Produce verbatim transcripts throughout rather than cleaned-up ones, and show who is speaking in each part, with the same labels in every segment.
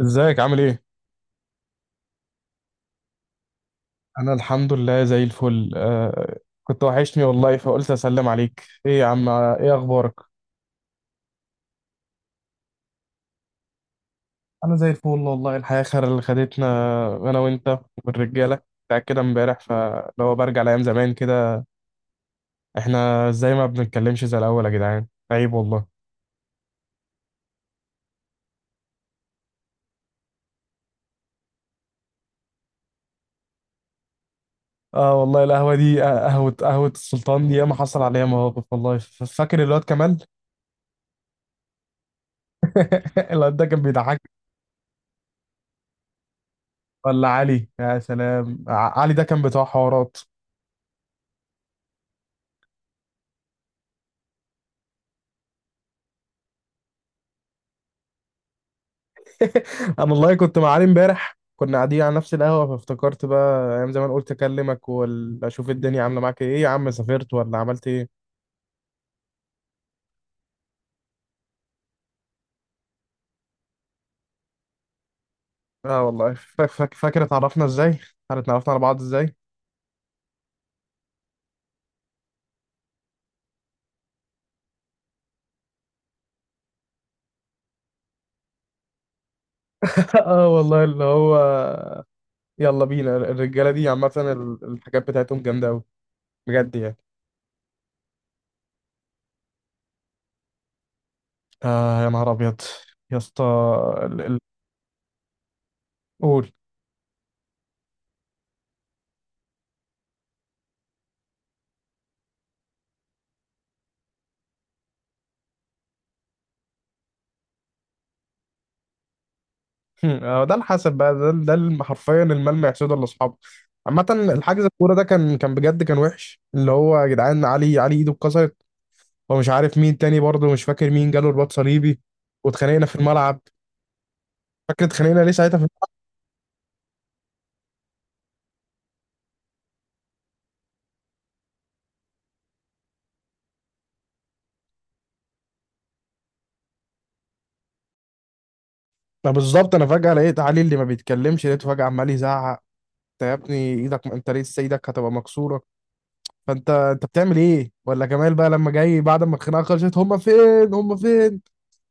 Speaker 1: ازيك عامل ايه؟ انا الحمد لله زي الفل. آه كنت وحشني والله، فقلت اسلم عليك. ايه يا عم، ايه اخبارك؟ انا زي الفل والله، الحياة خير اللي خدتنا انا وانت والرجالة بتاع كده امبارح. فلو برجع لايام زمان كده، احنا ازاي ما بنتكلمش زي الاول؟ يا جدعان عيب والله. اه والله القهوة دي، آه، قهوة قهوة السلطان دي ياما حصل عليها مواقف والله. ف- فاكر الواد كمال؟ الواد ده كان بيضحك. ولا علي، يا سلام، ع- علي ده كان بتاع حوارات. انا والله كنت مع علي امبارح، كنا قاعدين على نفس القهوه، فافتكرت بقى ايام زمان، قلت اكلمك واشوف الدنيا عامله معاك ايه. يا عم سافرت ولا عملت ايه؟ اه والله. فاك- فاك- فاكر اتعرفنا ازاي؟ احنا اتعرفنا على بعض ازاي؟ اه والله اللي هو، يلا بينا. الرجاله دي عامه ال- الحاجات بتاعتهم جامده قوي، بجد يعني. آه يا نهار ابيض، يا اسطى. ال- ال- قول. هم، آه، ده الحسب بقى. ده ده الم- حرفيا الملمع سودا لاصحابه. عامة الحجز الكورة ده كان كان بجد كان وحش. اللي هو يا جدعان، علي علي ايده اتكسرت، ومش عارف مين تاني برضه، مش فاكر مين جاله رباط صليبي. واتخانقنا في الملعب. فاكر اتخانقنا ليه ساعتها في. ما بالظبط، انا فجأة لقيت علي اللي ما بيتكلمش، لقيته فجأة عمال يزعق: انت يا ابني ايدك، انت لسه ايدك هتبقى مكسورة. فانت انت بتعمل ايه؟ ولا جمال بقى لما جاي بعد ما الخناقة خلصت: هما فين، هما فين؟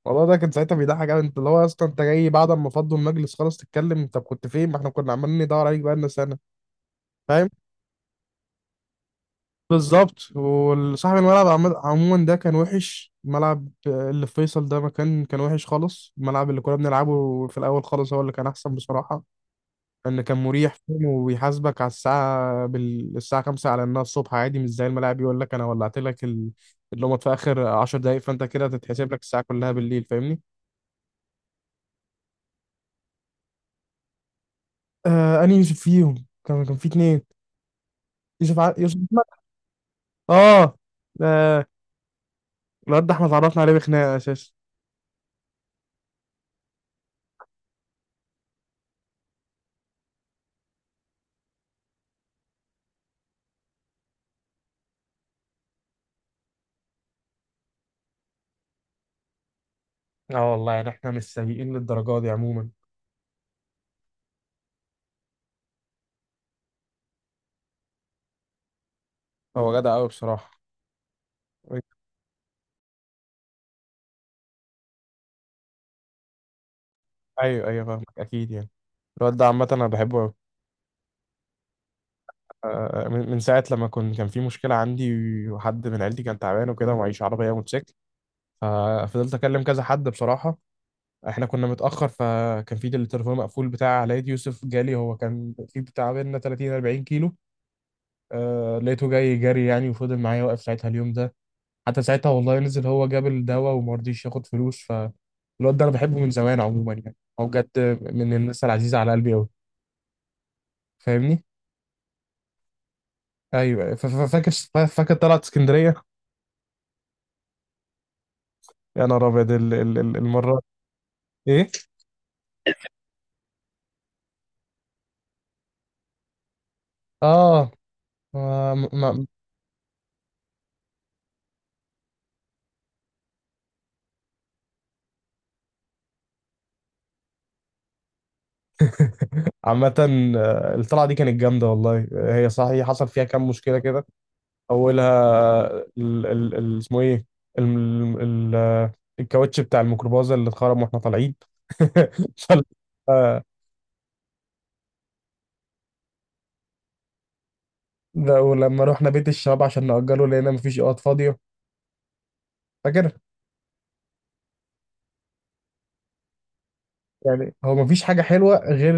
Speaker 1: والله ده كان ساعتها بيضحك قوي. انت اللي هو اصلا انت جاي بعد ما فضوا المجلس خلاص تتكلم؟ طب كنت فين، ما احنا كنا عمالين ندور عليك بقالنا سنه. فاهم؟ بالظبط. وصاحب الملعب عم- عموما ده كان وحش. الملعب اللي في فيصل ده مكان كان وحش خالص. الملعب اللي كنا بنلعبه في الاول خالص هو اللي كان احسن بصراحه، لان كان مريح، فاهم، وبيحاسبك على الساعه بال... الساعه خمسة على انها الصبح عادي. مش زي الملاعب يقول لك انا ولعت لك ال... اللومات في اخر عشر دقائق، فانت كده تتحسب لك الساعه كلها بالليل. فاهمني؟ آه انهي فيهم؟ كان كان في اتنين: يوسف، ع... يوسف احمد. اه. آه، الواد ده احنا اتعرفنا عليه بخناقه اساسا. اه والله يعني احنا مش سيئين للدرجة دي عموما. هو جدع قوي بصراحه. ايوه ايوه، فاهمك اكيد يعني. الواد ده عامه انا بحبه قوي. آه، من من ساعه لما كنت، كان في مشكله عندي، وحد من عيلتي كان تعبان وكده ومعيش عربيه موتوسيكل. ففضلت اكلم كذا حد بصراحه. احنا كنا متاخر، فكان في التليفون مقفول بتاع علاء. يوسف جالي، هو كان في بتاع بينا ثلاثين أربعين كيلو. آه لقيته جاي جري يعني، وفضل معايا واقف ساعتها اليوم ده. حتى ساعتها والله نزل، هو جاب الدواء وما رضيش ياخد فلوس. فالواد ده انا بحبه من زمان عموما، يعني هو بجد من الناس العزيزه على قلبي قوي. فاهمني؟ ايوه. ف- ف- فاكر فاكر طلعت اسكندريه. يا نهار ابيض ال- ال- ال- المره. ايه؟ اه. ما- ما- عامة، آه، الطلعة دي كانت جامدة والله. آه، هي صحيح حصل فيها كام مشكلة كده. أولها ال ال ال اسمه إيه، ال ال ال- آه، الكاوتش بتاع الميكروباص اللي اتخرم واحنا طالعين. فال- آه، ده. ولما رحنا بيت الشباب عشان نأجره لقينا مفيش اوض فاضية، فاكر؟ يعني هو مفيش حاجة حلوة غير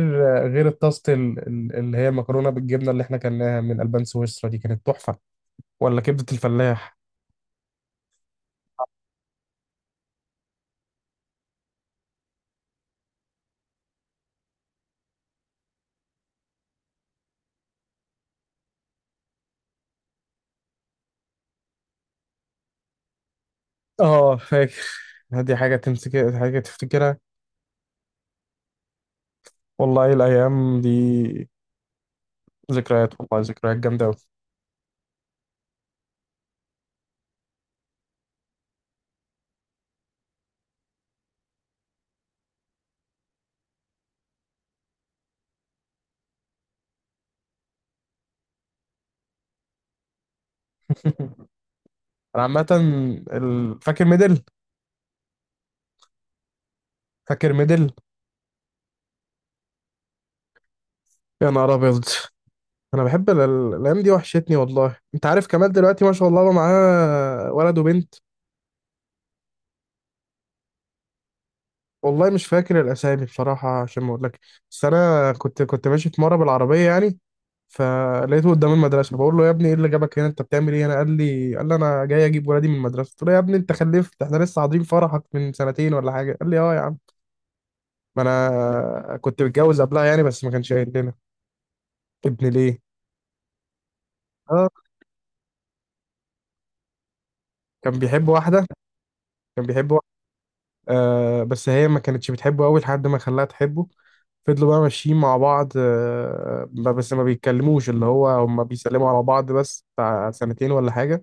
Speaker 1: غير الطاسة ال- ال- اللي هي مكرونة بالجبنة اللي احنا كلناها من ألبان سويسرا، دي كانت تحفة. ولا كبدة الفلاح. اه فاكر. دي حاجة تمسك، حاجة تفتكرها والله. الأيام دي ذكريات، والله ذكريات جامدة أوي. أنا عامة، ال- فاكر ميدل؟ فاكر ميدل يا نهار أبيض. أنا بحب ال- ال- الأيام دي، وحشتني والله. أنت عارف كمال دلوقتي ما شاء الله بقى معاه ولد وبنت؟ والله مش فاكر الاسامي بصراحه عشان ما اقولك، بس انا كنت كنت ماشي في مره بالعربيه يعني، فلقيته قدام المدرسه. بقول له: يا ابني ايه اللي جابك هنا؟ انت بتعمل ايه هنا؟ قال لي قال لي انا جاي اجيب ولادي من المدرسه. قلت له: يا ابني انت خلفت؟ احنا لسه حاضرين فرحك من سنتين ولا حاجه. قال لي: اه يا عم، ما انا كنت متجوز قبلها يعني بس ما كانش قايل لنا. ابن ليه؟ اه. كان بيحب واحده. كان بيحب واحده، آه، بس هي ما كانتش بتحبه قوي لحد ما خلاها تحبه. فضلوا بقى ماشيين مع بعض، آه، بس ما بيتكلموش. اللي هو هما بيسلموا على بعض بس بتاع سنتين ولا حاجة،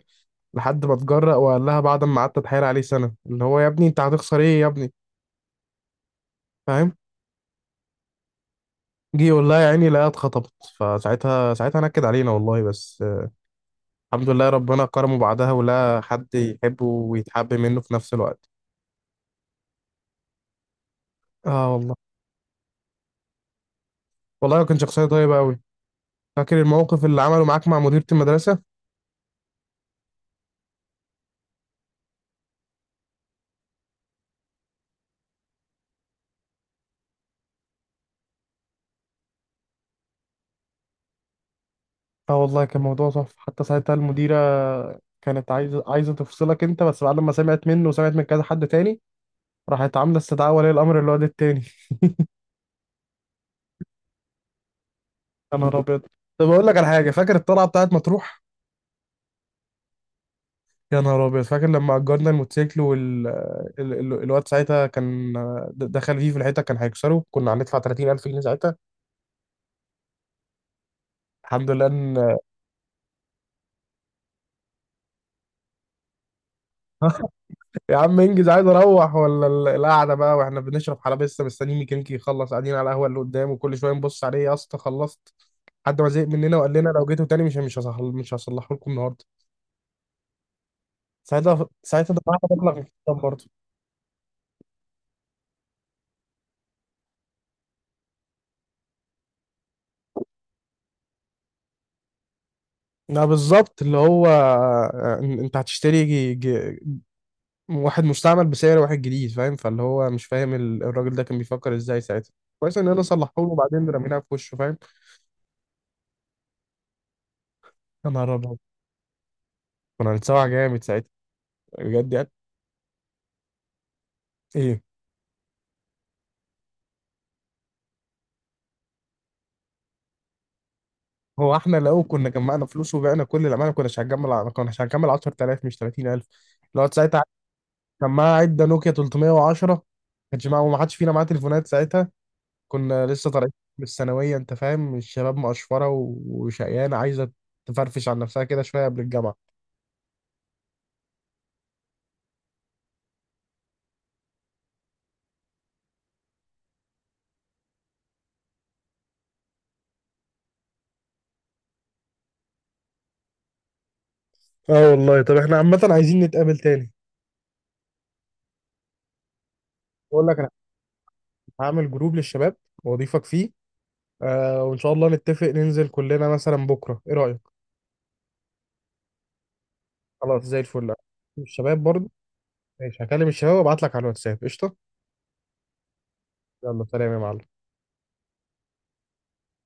Speaker 1: لحد ما اتجرأ وقال لها، بعد ما قعدت اتحايل عليه سنة اللي هو: يا ابني انت هتخسر ايه يا ابني؟ فاهم؟ جه يقول لها: يا عيني لا، اتخطبت. فساعتها ساعتها نكد علينا والله، بس آه، الحمد لله ربنا كرمه بعدها، ولا حد يحبه ويتحب منه في نفس الوقت. اه والله. والله كان شخصية طيبة قوي. فاكر الموقف اللي عمله معاك مع مديرة المدرسة؟ اه والله كان موضوع تحفة. حتى ساعتها المديرة كانت عايزة عايزة تفصلك انت، بس بعد ما سمعت منه وسمعت من كذا حد تاني، راحت عاملة استدعاء ولي الأمر للواد التاني. يا نهار أبيض. طب أقول لك على حاجة، فاكر الطلعة بتاعت مطروح؟ يا نهار أبيض، فاكر لما أجرنا الموتوسيكل. وال ال... ال... الواد ساعتها كان د- دخل فيه في الحتة، كان هيكسره، كنا هندفع تلاتين الف جنيه ساعتها. الحمد لله إن يا عم انجز عايز اروح، ولا ال- القعده بقى؟ واحنا بنشرب حلبسه لسه مستنيين ميكانيكي يخلص، قاعدين على القهوه اللي قدام وكل شويه نبص عليه: يا اسطى خلصت؟ لحد ما زهق مننا وقال لنا: لو جيتوا تاني مش مش هصحل مش هصلحه لكم النهارده. ساعتها ساعتها دفعت مبلغ مش قليل برضه. لا بالظبط، اللي هو آه، ان- انت هتشتري جي- جي- واحد مستعمل بسعر واحد جديد، فاهم؟ فاللي هو مش فاهم ال- الراجل ده كان بيفكر ازاي ساعتها. كويس ان انا صلحته له وبعدين رميناها في وشه، فاهم؟ يا نهار ابيض. كنا هنتسوح جامد ساعتها، بجد يعني. ايه؟ هو احنا لو كنا جمعنا فلوس وبعنا كل اللي عملنا كناش هنجمع، ما كناش هنكمل عشرة آلاف مش تلاتين الف. لو ساعتها كان معاه عده نوكيا تلتميه وعشرة، ما كانش معاه وما حدش فينا معاه تليفونات ساعتها. كنا لسه طالعين من الثانويه. انت فاهم، الشباب مقشفره و- وشقيانه عايزه تفرفش عن نفسها كده شويه قبل الجامعه. اه والله. طب احنا عامه عايزين نتقابل تاني. بقول لك انا، هعمل جروب للشباب واضيفك فيه. آه، وان شاء الله نتفق ننزل كلنا مثلا بكره، ايه رايك؟ خلاص زي الفل. الشباب برضه. ماشي، هكلم الشباب وابعت لك على الواتساب. قشطه. يلا سلام يا معلم.